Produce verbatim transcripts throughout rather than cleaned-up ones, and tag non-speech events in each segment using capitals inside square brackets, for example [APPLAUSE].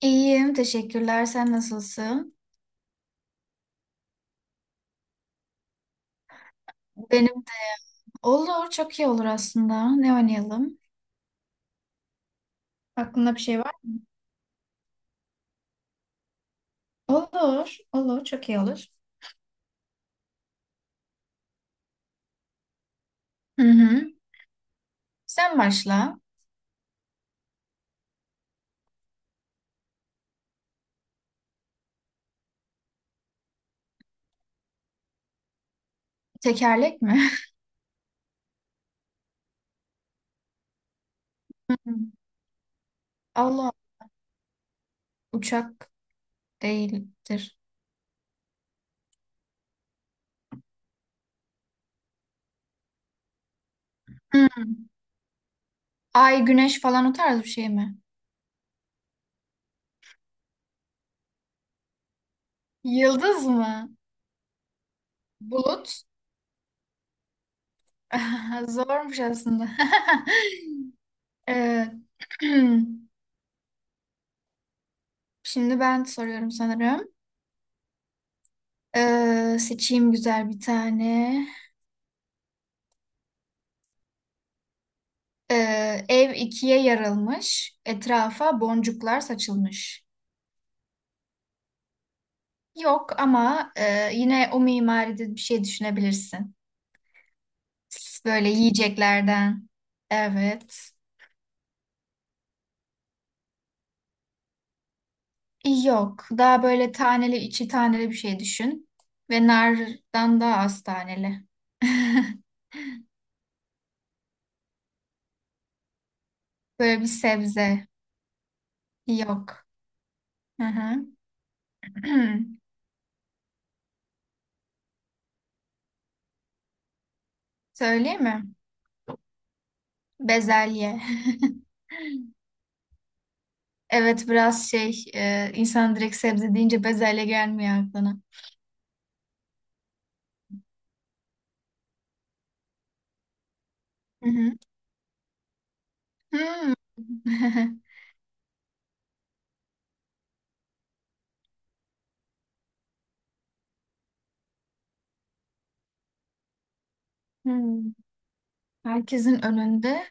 İyiyim, teşekkürler. Sen nasılsın? Benim de. Olur, çok iyi olur aslında. Ne oynayalım? Aklında bir şey var mı? Olur, olur, çok iyi olur. Hı hı. Sen başla. Tekerlek mi? [LAUGHS] Hı hı. Allah, uçak değildir. Hı. Ay, güneş falan o tarz bir şey mi? Yıldız mı? Bulut? [LAUGHS] Zormuş aslında. [LAUGHS] Ee, [CLEARS THROAT] şimdi ben soruyorum sanırım. Ee, seçeyim güzel bir tane. Ee, ev ikiye yarılmış, etrafa boncuklar saçılmış. Yok ama e, yine o mimaride bir şey düşünebilirsin. Böyle yiyeceklerden. Evet. Yok. Daha böyle taneli, içi taneli bir şey düşün. Ve nardan daha az taneli. [LAUGHS] Böyle bir sebze. Yok. Hı hı. [CLEARS THROAT] Söyleyeyim mi? Bezelye. [LAUGHS] Evet biraz şey e, insan direkt sebze deyince bezelye gelmiyor aklına. Hı hı. Hmm. [LAUGHS] Hmm. Herkesin önünde.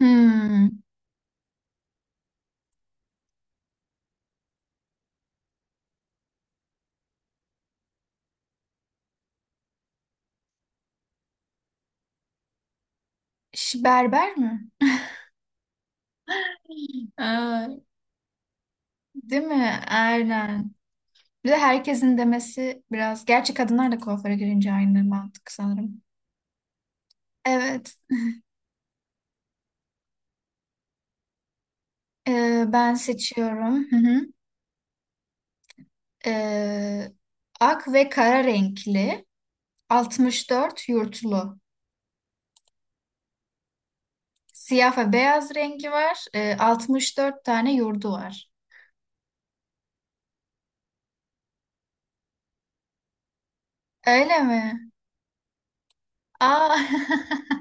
Hmm. Ş- Berber mi? [GASPS] [LAUGHS] Aa, değil mi? Aynen. Bir de herkesin demesi biraz. Gerçi kadınlar da kuaföre girince aynı mantık sanırım. Evet. Ee, ben seçiyorum. Hı hı. Ee, Ak ve kara renkli. Altmış dört yurtlu. Siyah ve beyaz rengi var. Ee, altmış dört tane yurdu var. Öyle mi? Aa. [LAUGHS]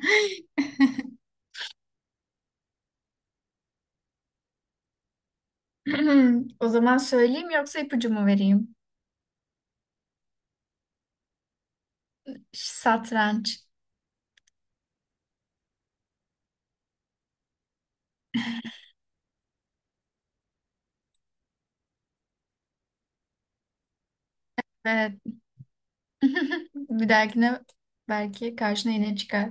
O zaman söyleyeyim yoksa ipucu mu vereyim? Satranç. Evet. [LAUGHS] Bir dahakine belki karşına yine çıkar.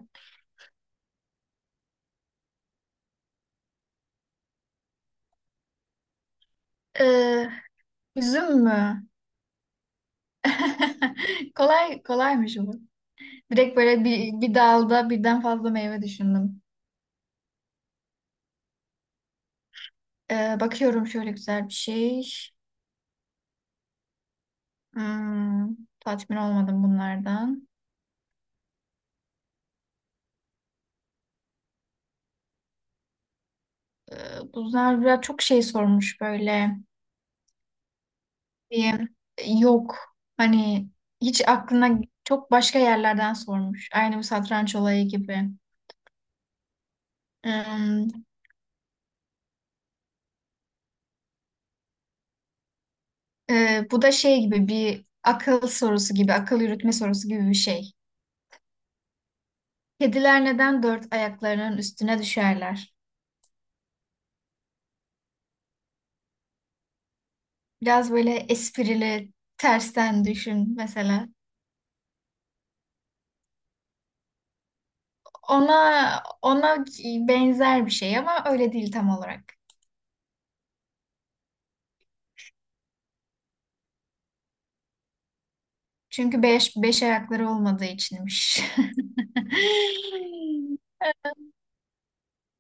Ee, Üzüm mü? [LAUGHS] Kolay kolaymış bu. Direkt böyle bir, bir dalda birden fazla meyve düşündüm. Ee, bakıyorum şöyle güzel bir şey. Hmm, tatmin olmadım bunlardan. e, Bu Zerra çok şey sormuş böyle diye yok hani hiç aklına çok başka yerlerden sormuş. Aynı bu satranç olayı gibi. Hmm, e, bu da şey gibi bir akıl sorusu gibi, akıl yürütme sorusu gibi bir şey. Kediler neden dört ayaklarının üstüne düşerler? Biraz böyle esprili, tersten düşün mesela. Ona ona benzer bir şey ama öyle değil tam olarak. Çünkü beş, beş ayakları olmadığı içinmiş. [LAUGHS]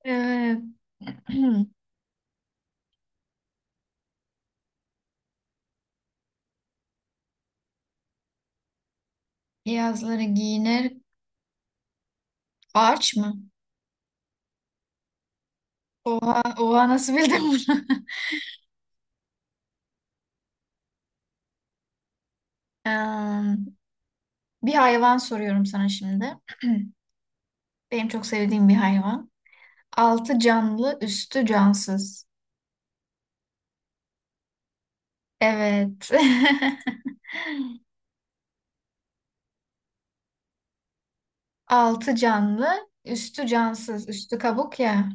Evet. [CLEARS THROAT] Yazları giyinir. Ağaç mı? Oha, oha nasıl bildin bunu? [LAUGHS] Em, Bir hayvan soruyorum sana şimdi. [CLEARS THROAT] Benim çok sevdiğim bir hayvan. Altı canlı, üstü cansız. Evet. [LAUGHS] Altı canlı, üstü cansız. Üstü kabuk ya.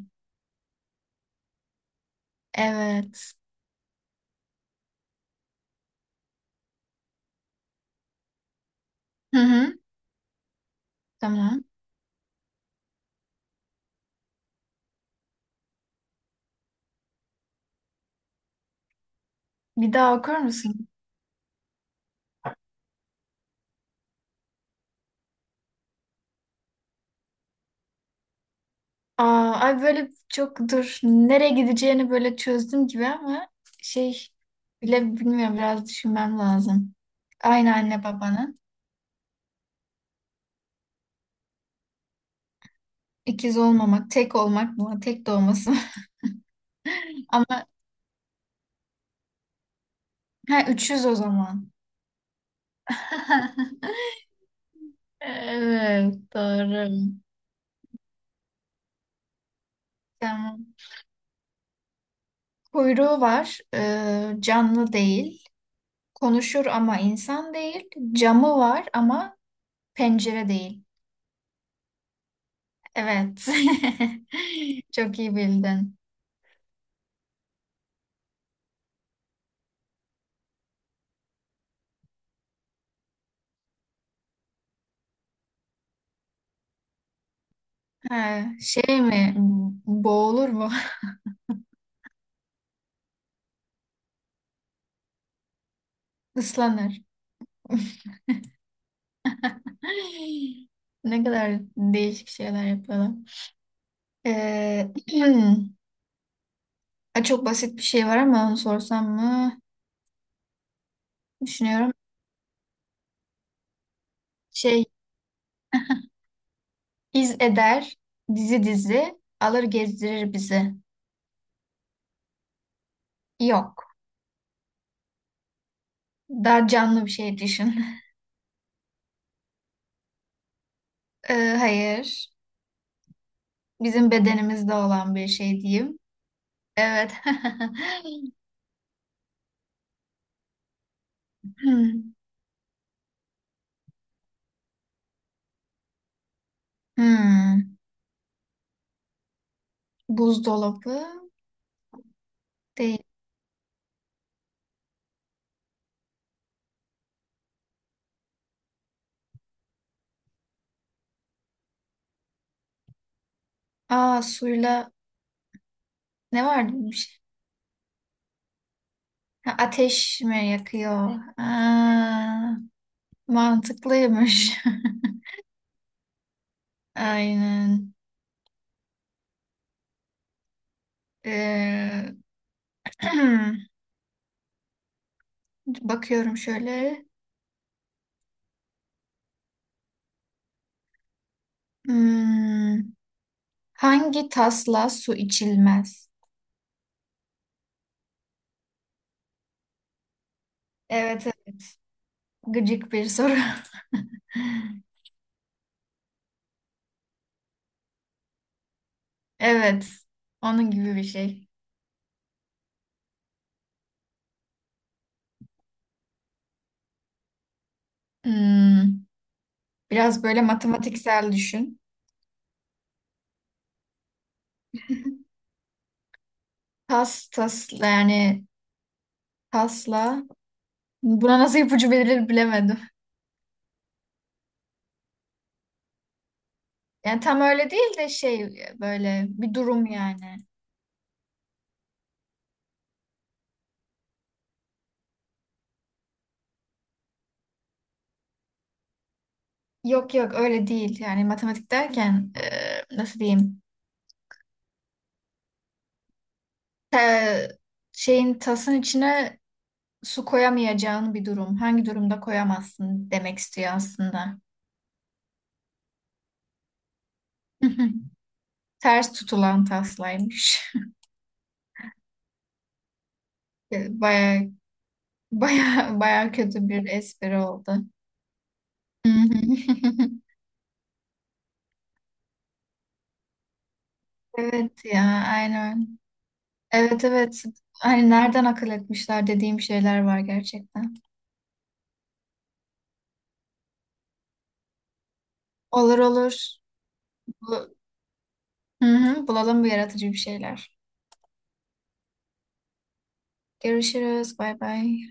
Evet. Hı hı. Tamam. Bir daha okur musun? Aa, ay böyle çok dur nereye gideceğini böyle çözdüm gibi ama şey bile bilmiyorum biraz düşünmem lazım. Aynı anne babanın ikiz olmamak, tek olmak mı, tek doğması mı? [LAUGHS] Ama ha üçüz o zaman. [LAUGHS] Evet doğru. Tamam. Kuyruğu var, ee, canlı değil. Konuşur ama insan değil. Camı var ama pencere değil. Evet. [LAUGHS] Çok iyi bildin. Ha, şey mi? Boğulur mu? [LAUGHS] Islanır. [LAUGHS] Ay, ne kadar değişik şeyler yapıyorlar. Ee, [CLEARS THROAT] ha, çok basit bir şey var ama onu sorsam mı? Düşünüyorum. Şey, iz eder, dizi dizi, alır gezdirir bizi. Yok. Daha canlı bir şey düşün. [LAUGHS] Ee, hayır. Bizim bedenimizde olan bir şey diyeyim. Evet. [LAUGHS] Hmm. Hmm. Buzdolabı değil. Aa suyla ne vardı bir şey? Ha, ateş mi yakıyor? Aa, mantıklıymış. [LAUGHS] Aynen. Ee, [CLEARS THROAT] bakıyorum şöyle. Hmm, hangi tasla su içilmez? Evet, evet. Gıcık bir soru. [LAUGHS] Evet. Onun gibi bir şey. Hmm, biraz böyle matematiksel düşün. [LAUGHS] Tas tas yani tasla. Buna nasıl ipucu verilir bilemedim. Yani tam öyle değil de şey e, böyle bir durum yani. Yok yok öyle değil. Yani matematik derken e, nasıl diyeyim? Te- Şeyin tasın içine su koyamayacağın bir durum. Hangi durumda koyamazsın demek istiyor aslında. [LAUGHS] Ters tutulan taslaymış. [LAUGHS] Baya baya baya kötü bir espri oldu. [LAUGHS] Evet ya aynen. Evet evet. Hani nereden akıl etmişler dediğim şeyler var gerçekten. Olur olur. Bu- Hı hı, bulalım bu yaratıcı bir şeyler. Görüşürüz. Bay bay.